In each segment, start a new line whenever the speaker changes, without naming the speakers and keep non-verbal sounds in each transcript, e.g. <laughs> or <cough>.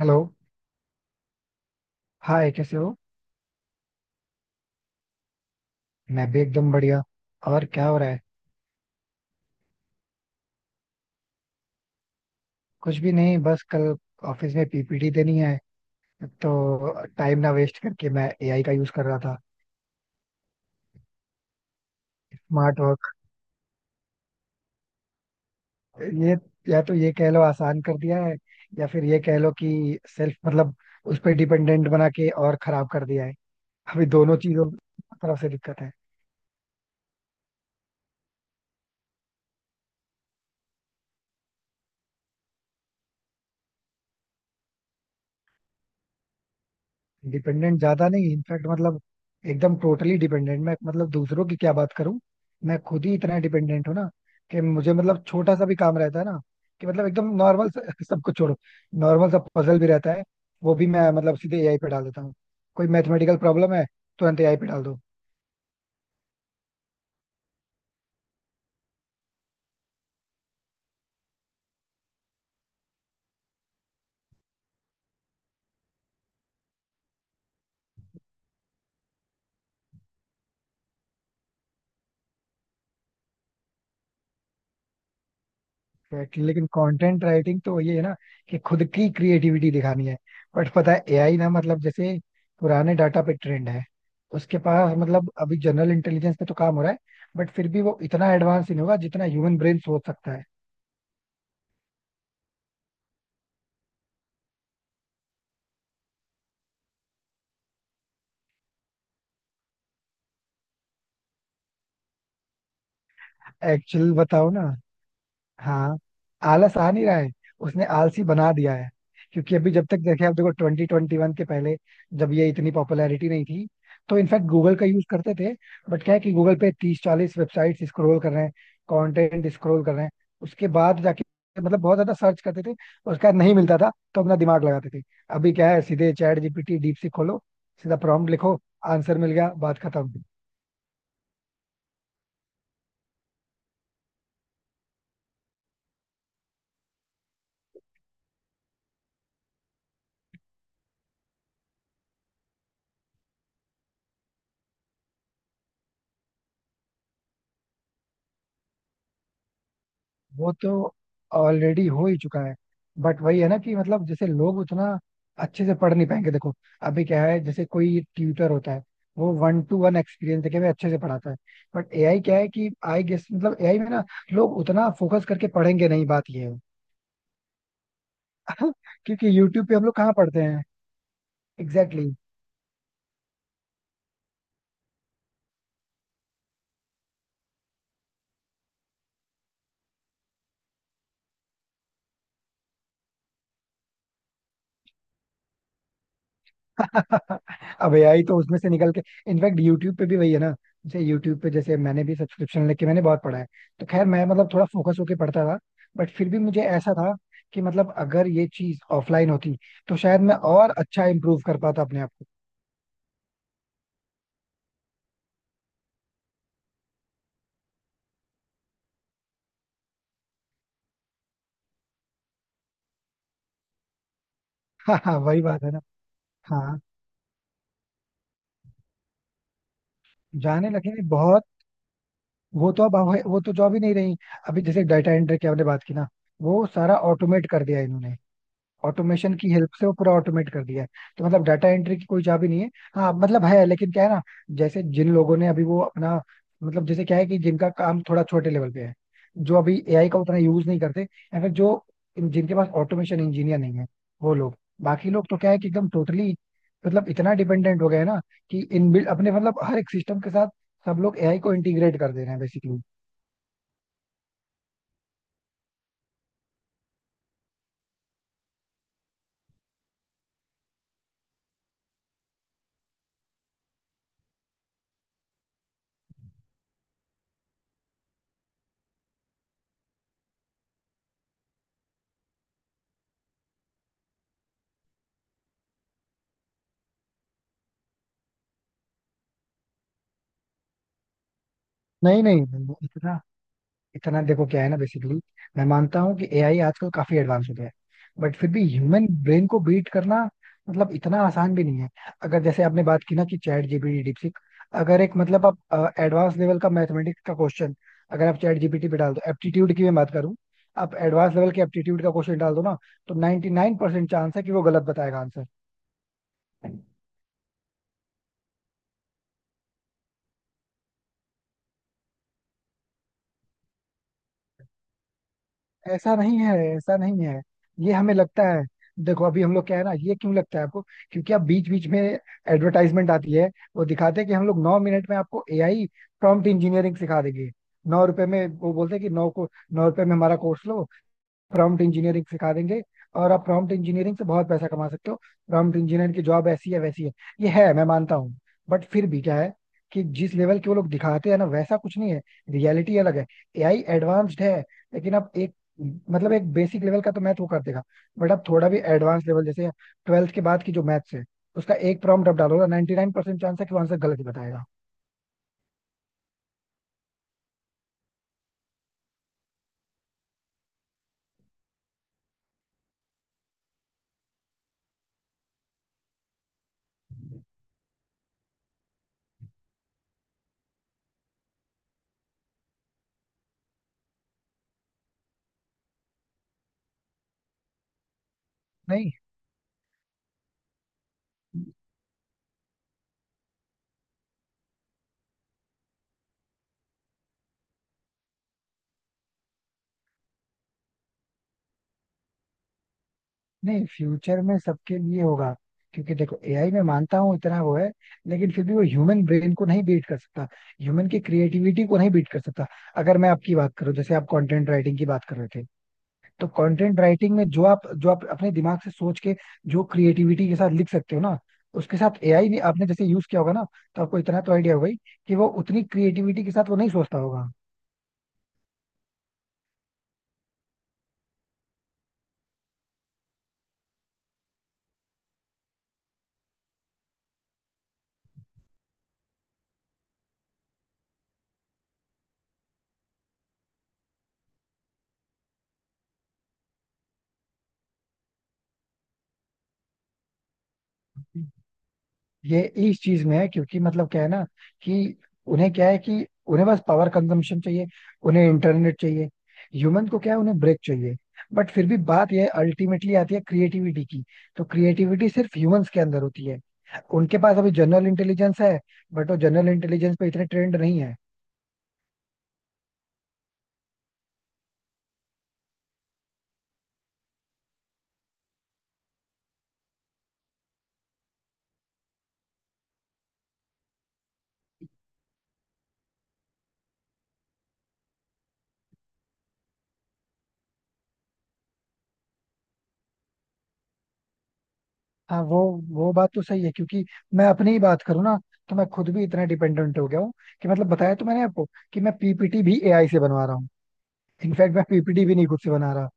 Hello. Hi, कैसे हो? मैं भी एकदम बढ़िया। और क्या हो रहा है? कुछ भी नहीं, बस कल ऑफिस में पीपीटी देनी है। तो टाइम ना वेस्ट करके मैं एआई का यूज कर रहा था। Smart work. ये या तो ये कह लो आसान कर दिया है या फिर ये कह लो कि सेल्फ मतलब उस पर डिपेंडेंट बना के और खराब कर दिया है। अभी दोनों चीजों की तरफ से दिक्कत है। डिपेंडेंट ज्यादा नहीं, इनफैक्ट मतलब एकदम टोटली डिपेंडेंट। मैं मतलब दूसरों की क्या बात करूं। मैं खुद ही इतना डिपेंडेंट हूं ना कि मुझे मतलब छोटा सा भी काम रहता है ना कि मतलब एकदम नॉर्मल <laughs> सब कुछ छोड़ो, नॉर्मल सा पजल भी रहता है। वो भी मैं मतलब सीधे एआई पे डाल देता हूँ। कोई मैथमेटिकल प्रॉब्लम है, तुरंत एआई पे डाल दो। Exactly, लेकिन कंटेंट राइटिंग तो ये है ना कि खुद की क्रिएटिविटी दिखानी है। बट पता है एआई ना मतलब जैसे पुराने डाटा पे ट्रेंड है। उसके पास मतलब अभी जनरल इंटेलिजेंस पे तो काम हो रहा है। बट फिर भी वो इतना एडवांस नहीं होगा जितना ह्यूमन ब्रेन सोच सकता है। एक्चुअल बताओ ना। हाँ। आलस आ नहीं रहा है, उसने आलसी बना दिया है। क्योंकि अभी जब तक देखे आप देखो 2021 के पहले जब ये इतनी पॉपुलैरिटी नहीं थी तो इनफैक्ट गूगल का यूज करते थे। बट क्या है कि गूगल पे 30-40 वेबसाइट स्क्रॉल कर रहे हैं, कंटेंट स्क्रॉल कर रहे हैं, उसके बाद जाके मतलब बहुत ज्यादा सर्च करते थे। और उसका नहीं मिलता था तो अपना दिमाग लगाते थे। अभी क्या है, सीधे चैट जीपीटी डीप खोलो, सीधा प्रॉम्प्ट लिखो, आंसर मिल गया, बात खत्म। वो तो ऑलरेडी हो ही चुका है। बट वही है ना कि मतलब जैसे लोग उतना अच्छे से पढ़ नहीं पाएंगे। देखो अभी क्या है, जैसे कोई ट्यूटर होता है वो वन टू वन एक्सपीरियंस देके भी अच्छे से पढ़ाता है। बट एआई क्या है कि आई गेस मतलब एआई में ना लोग उतना फोकस करके पढ़ेंगे नहीं, बात ये है। <laughs> क्योंकि यूट्यूब पे हम लोग कहाँ पढ़ते हैं? एग्जैक्टली। <laughs> अब एआई तो उसमें से निकल के इनफैक्ट यूट्यूब पे भी वही है ना। जैसे यूट्यूब पे जैसे मैंने भी सब्सक्रिप्शन लेके मैंने बहुत पढ़ा है। तो खैर मैं मतलब थोड़ा फोकस होके पढ़ता था। बट फिर भी मुझे ऐसा था कि मतलब अगर ये चीज ऑफलाइन होती तो शायद मैं और अच्छा इम्प्रूव कर पाता अपने आप को। <laughs> हाँ हाँ, वही बात है ना। हाँ, जाने लगे हैं बहुत। वो तो अब वो तो जॉब ही नहीं रही। अभी जैसे डाटा एंट्री की आपने बात की ना, वो सारा ऑटोमेट कर दिया इन्होंने। ऑटोमेशन की हेल्प से वो पूरा ऑटोमेट कर दिया है। तो मतलब डाटा एंट्री की कोई जॉब ही नहीं है। हाँ मतलब है, लेकिन क्या है ना जैसे जिन लोगों ने अभी वो अपना मतलब जैसे क्या है कि जिनका काम थोड़ा छोटे लेवल पे है, जो अभी एआई का उतना यूज नहीं करते या फिर जो जिनके पास ऑटोमेशन इंजीनियर नहीं है वो लोग। बाकी लोग तो क्या है कि एकदम टोटली मतलब इतना डिपेंडेंट हो गए हैं ना कि इनबिल्ट अपने मतलब हर एक सिस्टम के साथ सब लोग एआई को इंटीग्रेट कर दे रहे हैं बेसिकली। नहीं नहीं नहीं, इतना इतना देखो क्या है ना बेसिकली। मैं मानता हूँ कि एआई आजकल काफी एडवांस हो गया है। बट फिर भी ह्यूमन ब्रेन को बीट करना मतलब इतना आसान भी नहीं है। अगर जैसे आपने बात की ना कि चैट जीपीटी डीपसीक अगर एक मतलब आप एडवांस लेवल का मैथमेटिक्स का क्वेश्चन अगर आप चैट जीपीटी पे डाल दो एप्टीट्यूड की मैं बात करूँ। आप एडवांस लेवल के एप्टीट्यूड का क्वेश्चन डाल दो ना तो 99% चांस है कि वो गलत बताएगा। ऐसा नहीं है, ऐसा नहीं है, ये हमें लगता है। देखो अभी हम लोग क्या है ना, ये क्यों लगता है आपको? क्योंकि आप बीच बीच में एडवर्टाइजमेंट आती है, वो दिखाते हैं कि हम लोग 9 मिनट में आपको एआई प्रॉम्प्ट इंजीनियरिंग सिखा देंगे। 9 रुपए में वो बोलते हैं कि नौ को 9 रुपए में हमारा कोर्स लो, प्रॉम्प्ट इंजीनियरिंग सिखा देंगे और आप प्रॉम्प्ट इंजीनियरिंग से बहुत पैसा कमा सकते हो। प्रॉम्प्ट इंजीनियर की जॉब ऐसी है वैसी है, ये है, मैं मानता हूँ। बट फिर भी क्या है कि जिस लेवल के वो लोग दिखाते हैं ना वैसा कुछ नहीं है। रियलिटी अलग है। एआई एडवांस्ड है लेकिन आप एक मतलब एक बेसिक लेवल का तो मैथ वो कर देगा। बट आप थोड़ा भी एडवांस लेवल जैसे 12th के बाद की जो मैथ्स है उसका एक प्रॉम्प्ट आप डालो ना 99% चांस है कि वो आंसर गलत ही बताएगा। नहीं, नहीं, फ्यूचर में सबके लिए होगा। क्योंकि देखो एआई में मानता हूँ इतना वो है लेकिन फिर भी वो ह्यूमन ब्रेन को नहीं बीट कर सकता, ह्यूमन की क्रिएटिविटी को नहीं बीट कर सकता। अगर मैं आपकी बात करूँ जैसे आप कंटेंट राइटिंग की बात कर रहे थे तो कंटेंट राइटिंग में जो आप अपने दिमाग से सोच के जो क्रिएटिविटी के साथ लिख सकते हो ना उसके साथ एआई ने आपने जैसे यूज किया होगा ना तो आपको इतना तो आइडिया होगा ही कि वो उतनी क्रिएटिविटी के साथ वो नहीं सोचता होगा। ये इस चीज में है क्योंकि मतलब क्या है ना कि उन्हें क्या है कि उन्हें बस पावर कंजम्पशन चाहिए, उन्हें इंटरनेट चाहिए। ह्यूमन को क्या है, उन्हें ब्रेक चाहिए। बट फिर भी बात यह अल्टीमेटली आती है क्रिएटिविटी की। तो क्रिएटिविटी सिर्फ ह्यूमंस के अंदर होती है। उनके पास अभी जनरल इंटेलिजेंस है बट वो जनरल इंटेलिजेंस पे इतने ट्रेंड नहीं है। हाँ, वो बात तो सही है क्योंकि मैं अपनी ही बात करूँ ना तो मैं खुद भी इतना डिपेंडेंट हो गया हूँ। कि मतलब बताया तो मैंने आपको कि मैं पीपीटी भी एआई से बनवा रहा हूँ। इनफैक्ट मैं पीपीटी भी नहीं खुद से बना रहा।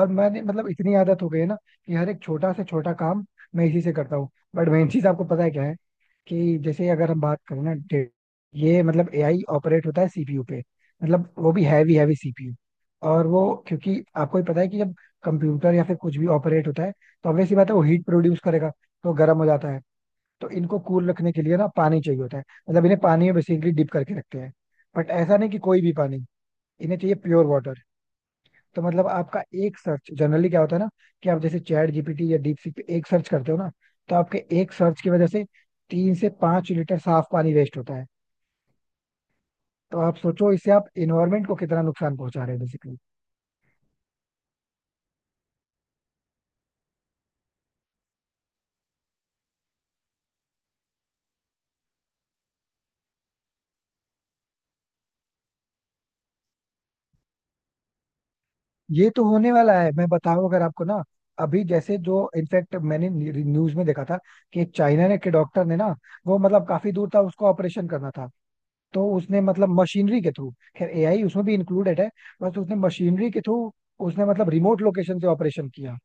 और मैंने मतलब इतनी आदत हो गई है ना कि हर एक छोटा से छोटा काम मैं इसी से करता हूँ। बट मेन चीज आपको पता है क्या है कि जैसे अगर हम बात करें ना ये मतलब एआई ऑपरेट होता है सीपीयू पे। मतलब वो भी हैवी हैवी सीपीयू और वो क्योंकि आपको ही पता है कि जब कंप्यूटर या फिर कुछ भी ऑपरेट होता है तो ऑब्वियस सी बात है वो हीट प्रोड्यूस करेगा। तो गर्म हो जाता है। तो इनको कूल रखने के लिए ना पानी चाहिए होता है। मतलब इन्हें पानी में बेसिकली डिप करके रखते हैं। बट ऐसा नहीं कि कोई भी पानी, इन्हें चाहिए प्योर वाटर। तो मतलब आपका एक सर्च जनरली क्या होता है ना कि आप जैसे चैट जीपीटी या डीप सीक पे एक सर्च करते हो ना तो आपके एक सर्च की वजह से 3 से 5 लीटर साफ पानी वेस्ट होता है। तो आप सोचो इससे आप इन्वायरमेंट को कितना नुकसान पहुंचा रहे हैं बेसिकली। ये तो होने वाला है, मैं बताऊं अगर आपको ना। अभी जैसे जो इनफैक्ट मैंने न्यूज में देखा था कि एक चाइना ने के डॉक्टर ने ना वो मतलब काफी दूर था उसको ऑपरेशन करना था। तो उसने मतलब मशीनरी के थ्रू, खैर एआई उसमें भी इंक्लूडेड है, बस उसने मशीनरी के थ्रू उसने मतलब रिमोट लोकेशन से ऑपरेशन किया।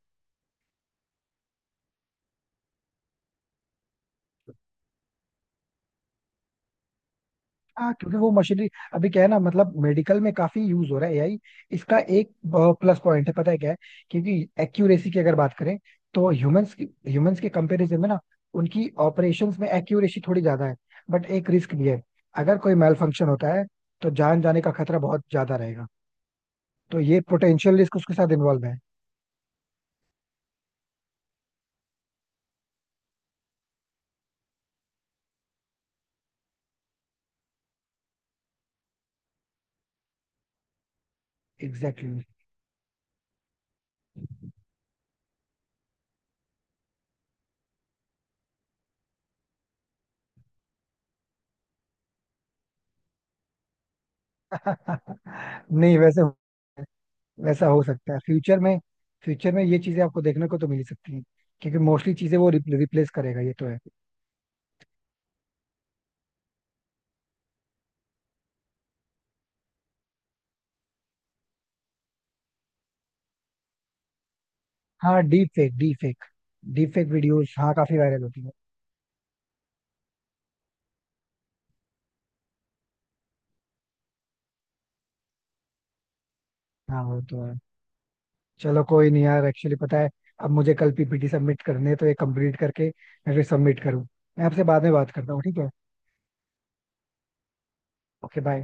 हाँ, क्योंकि वो मशीनरी अभी क्या है ना मतलब मेडिकल में काफी यूज हो रहा है एआई। इसका एक प्लस पॉइंट है, पता है क्या है, क्योंकि एक्यूरेसी की अगर बात करें तो ह्यूमंस के कंपैरिजन में ना उनकी ऑपरेशंस में एक्यूरेसी थोड़ी ज्यादा है। बट एक रिस्क भी है, अगर कोई मेल फंक्शन होता है तो जान जाने का खतरा बहुत ज्यादा रहेगा। तो ये पोटेंशियल रिस्क उसके साथ इन्वॉल्व है। Exactly exactly. <laughs> नहीं वैसे वैसा हो सकता है फ्यूचर में। फ्यूचर में ये चीजें आपको देखने को तो मिल ही सकती हैं क्योंकि मोस्टली चीजें वो रिप्लेस करेगा, ये तो है। हाँ, deep fake deep fake, deep fake videos, हाँ, काफी वायरल होती है। हाँ, वो तो है। चलो कोई नहीं यार, एक्चुअली पता है अब मुझे कल पीपीटी सबमिट करने हैं तो ये कंप्लीट करके मैं फिर सबमिट करूँ। मैं आपसे बाद में बात करता हूँ, ठीक है? Okay bye.